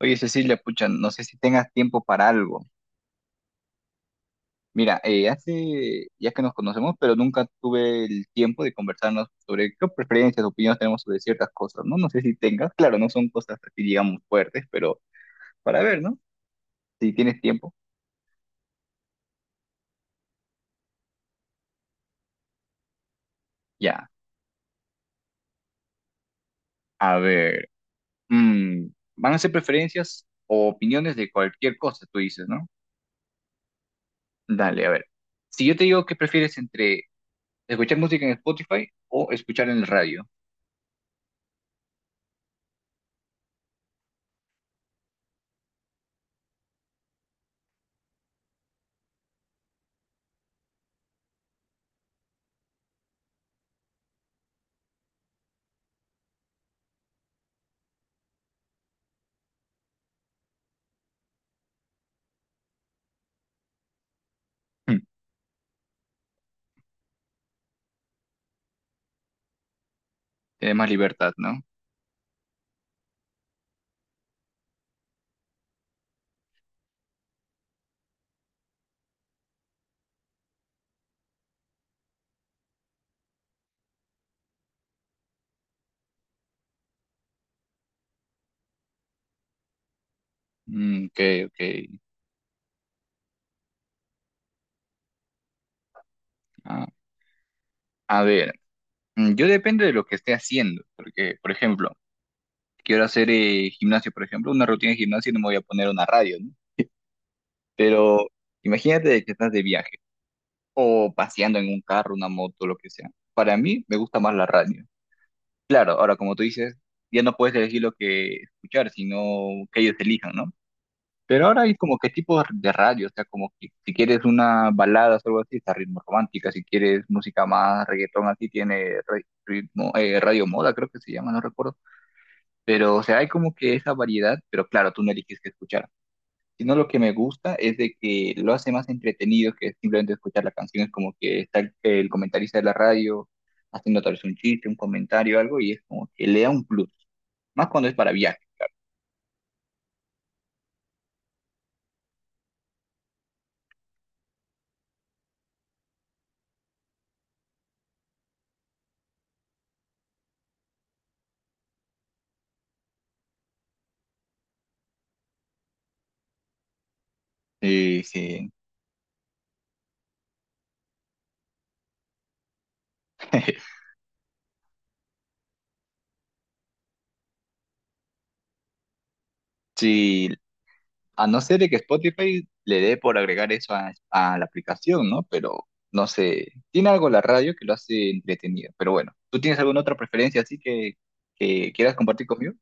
Oye, Cecilia, pucha, no sé si tengas tiempo para algo. Mira, hace ya que nos conocemos, pero nunca tuve el tiempo de conversarnos sobre qué preferencias, opiniones tenemos sobre ciertas cosas, ¿no? No sé si tengas, claro, no son cosas así, digamos, fuertes, pero para ver, ¿no? Si tienes tiempo, ya. A ver, mm, van a ser preferencias o opiniones de cualquier cosa, tú dices, ¿no? Dale, a ver. Si yo te digo que prefieres entre escuchar música en Spotify o escuchar en el radio. Hmm, tienes más libertad, ¿no? Mm, ok, ok. Ah, a ver, yo depende de lo que esté haciendo, porque, por ejemplo, quiero hacer gimnasio, por ejemplo, una rutina de gimnasio y no me voy a poner una radio, ¿no? Pero imagínate de que estás de viaje o paseando en un carro, una moto, lo que sea. Para mí me gusta más la radio. Claro, ahora como tú dices, ya no puedes elegir lo que escuchar, sino que ellos elijan, ¿no? Pero ahora hay como que tipos de radio, o sea, como que si quieres una balada o algo así, está ritmo romántica, si quieres música más reggaetón así, tiene ritmo, radio moda, creo que se llama, no recuerdo. Pero, o sea, hay como que esa variedad, pero claro, tú no eliges qué escuchar. Sino lo que me gusta es de que lo hace más entretenido que simplemente escuchar la canción, es como que está el comentarista de la radio haciendo tal vez un chiste, un comentario, algo, y es como que le da un plus, más cuando es para viaje claro. Sí, sí. Sí, a no ser de que Spotify le dé por agregar eso a la aplicación, ¿no? Pero no sé, tiene algo la radio que lo hace entretenido. Pero bueno, ¿tú tienes alguna otra preferencia así que quieras compartir conmigo?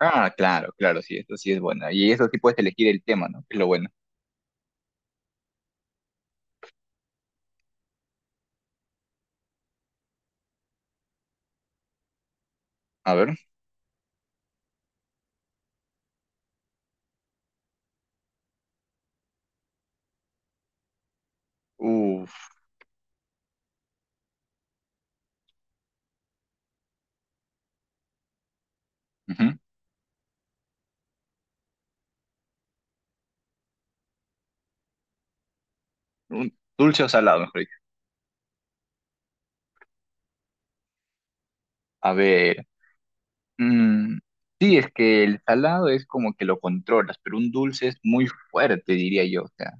Ah, claro, claro, sí, eso sí es bueno. Y eso sí puedes elegir el tema, ¿no? Que es lo bueno. A ver, uff, dulce o salado, mejor dicho. A ver, mm, sí, es que el salado es como que lo controlas, pero un dulce es muy fuerte, diría yo. O sea,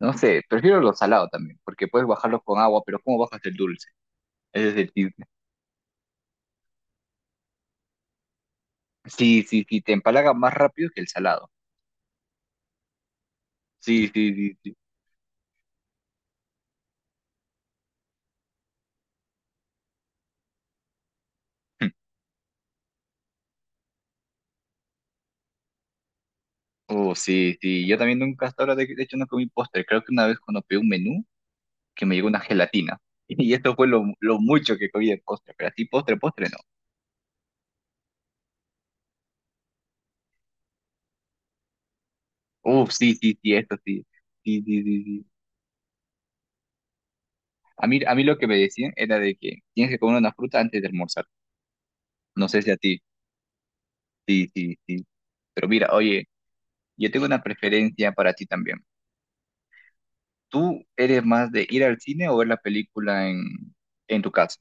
no sé, prefiero los salados también, porque puedes bajarlos con agua, pero ¿cómo bajas el dulce? Ese es el tip. Sí, sí, sí, te empalaga más rápido que el salado. Sí, sí, sí, sí. Oh, sí, sí. Yo también nunca hasta ahora, de hecho, no comí postre. Creo que una vez cuando pedí un menú, que me llegó una gelatina. Y esto fue lo mucho que comí de postre, pero así postre, postre no. Uf, sí, sí, sí, esto sí. Sí, sí, sí, sí. A mí lo que me decían era de que tienes que comer una fruta antes de almorzar. No sé si a ti. Sí, sí, sí. Pero mira, oye. Yo tengo una preferencia para ti también. ¿Tú eres más de ir al cine o ver la película en tu casa?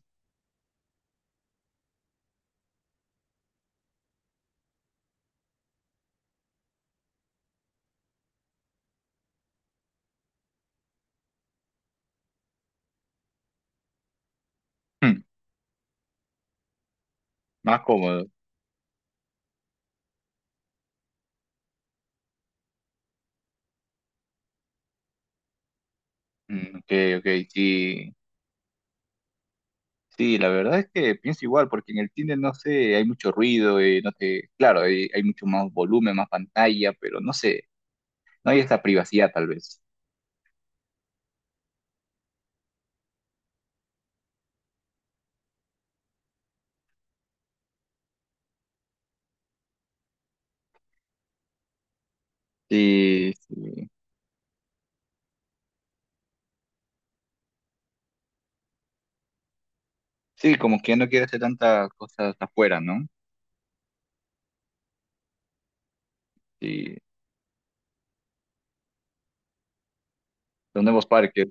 Hmm, más cómodo. Mm, ok, ok, sí. Sí, la verdad es que pienso igual, porque en el cine, no sé, hay mucho ruido, no te, claro, hay mucho más volumen, más pantalla, pero no sé, no hay esa privacidad tal vez. Sí, sí. Sí, como que no quiero hacer tantas cosas afuera, ¿no? Sí, los nuevos parques.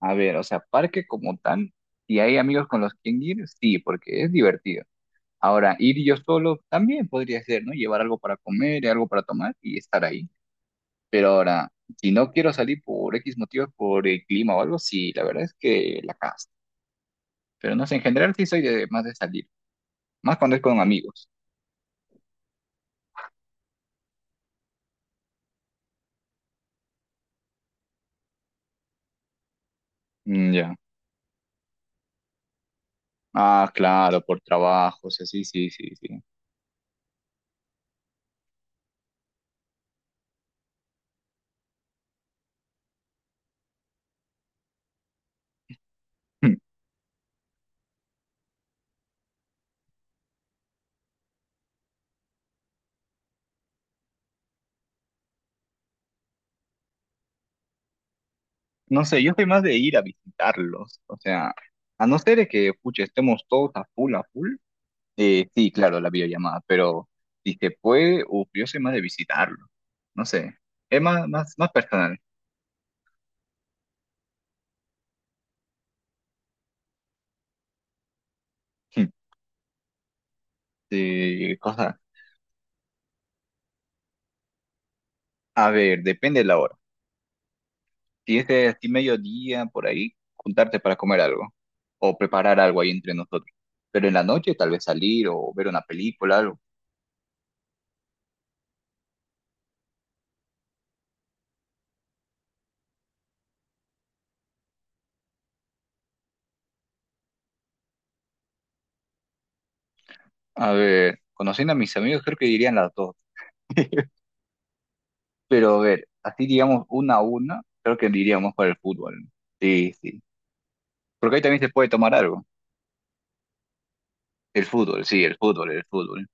A ver, o sea, parque como tal, si hay amigos con los que ir, sí, porque es divertido. Ahora, ir yo solo también podría ser, ¿no? Llevar algo para comer, y algo para tomar y estar ahí. Pero ahora, si no quiero salir por X motivos, por el clima o algo, sí, la verdad es que la casa. Pero no sé, en general sí soy de más de salir, más cuando es con amigos. Mm, ya. Ah, claro, por trabajos, sí, sí, sí, sí. Hmm. No sé, yo soy más de ir a visitarlos. O sea, a no ser de que, pucha, estemos todos a full, a full. Sí, claro, la videollamada, pero si se puede, uf, yo soy más de visitarlo. No sé, es más, más, más personal. Sí, cosas. A ver, depende de la hora. Si es de así mediodía, por ahí, juntarte para comer algo o preparar algo ahí entre nosotros. Pero en la noche, tal vez salir o ver una película, algo. A ver, conociendo a mis amigos, creo que dirían las dos. Pero a ver, así digamos una a una, creo que diríamos para el fútbol, ¿no? Sí, sí. Porque ahí también se puede tomar algo. El fútbol, sí, el fútbol, el fútbol.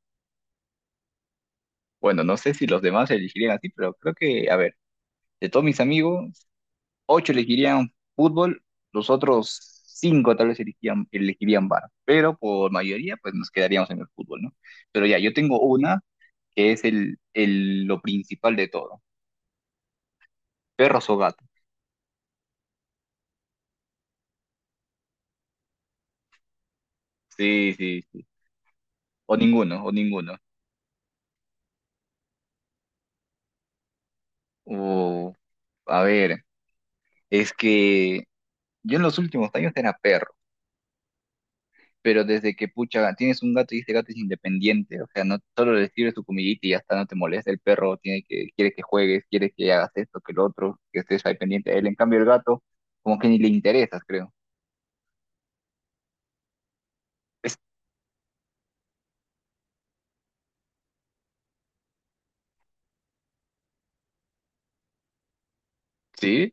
Bueno, no sé si los demás elegirían así, pero creo que, a ver, de todos mis amigos, 8 elegirían fútbol, los otros 5 tal vez elegirían bar, pero por mayoría pues nos quedaríamos en el fútbol, ¿no? Pero ya, yo tengo una que es lo principal de todo, perros o gatos. Sí, sí, sí. O ninguno, o ninguno. O, a ver, es que yo en los últimos años era perro, pero desde que, pucha, tienes un gato y este gato es independiente, o sea, no solo le sirves tu comidita y ya está, no te molesta, el perro tiene que, quiere que juegues, quiere que hagas esto, que lo otro, que estés ahí pendiente de él, en cambio el gato, como que ni le interesas, creo. Es- sí,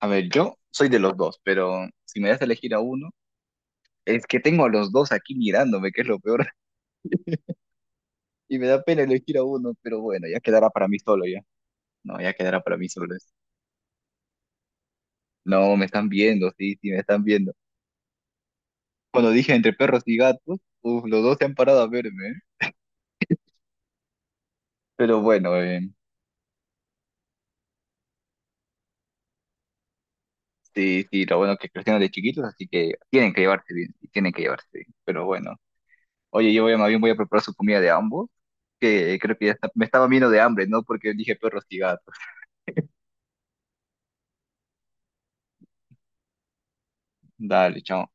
a ver, yo soy de los dos, pero si me das a elegir a uno, es que tengo a los dos aquí mirándome, que es lo peor, y me da pena elegir a uno, pero bueno, ya quedará para mí solo, ya. No, ya quedará para mí solo. Es no, me están viendo, sí, sí, me están viendo. Cuando dije entre perros y gatos, uf, los dos se han parado a verme, ¿eh? Pero bueno, sí, sí, lo bueno que crecieron de chiquitos, así que tienen que llevarse bien, sí, tienen que llevarse bien. Pero bueno, oye, yo voy más bien voy a preparar su comida de ambos, que creo que me estaba viendo de hambre, ¿no? Porque dije perros y gatos. Dale, chao.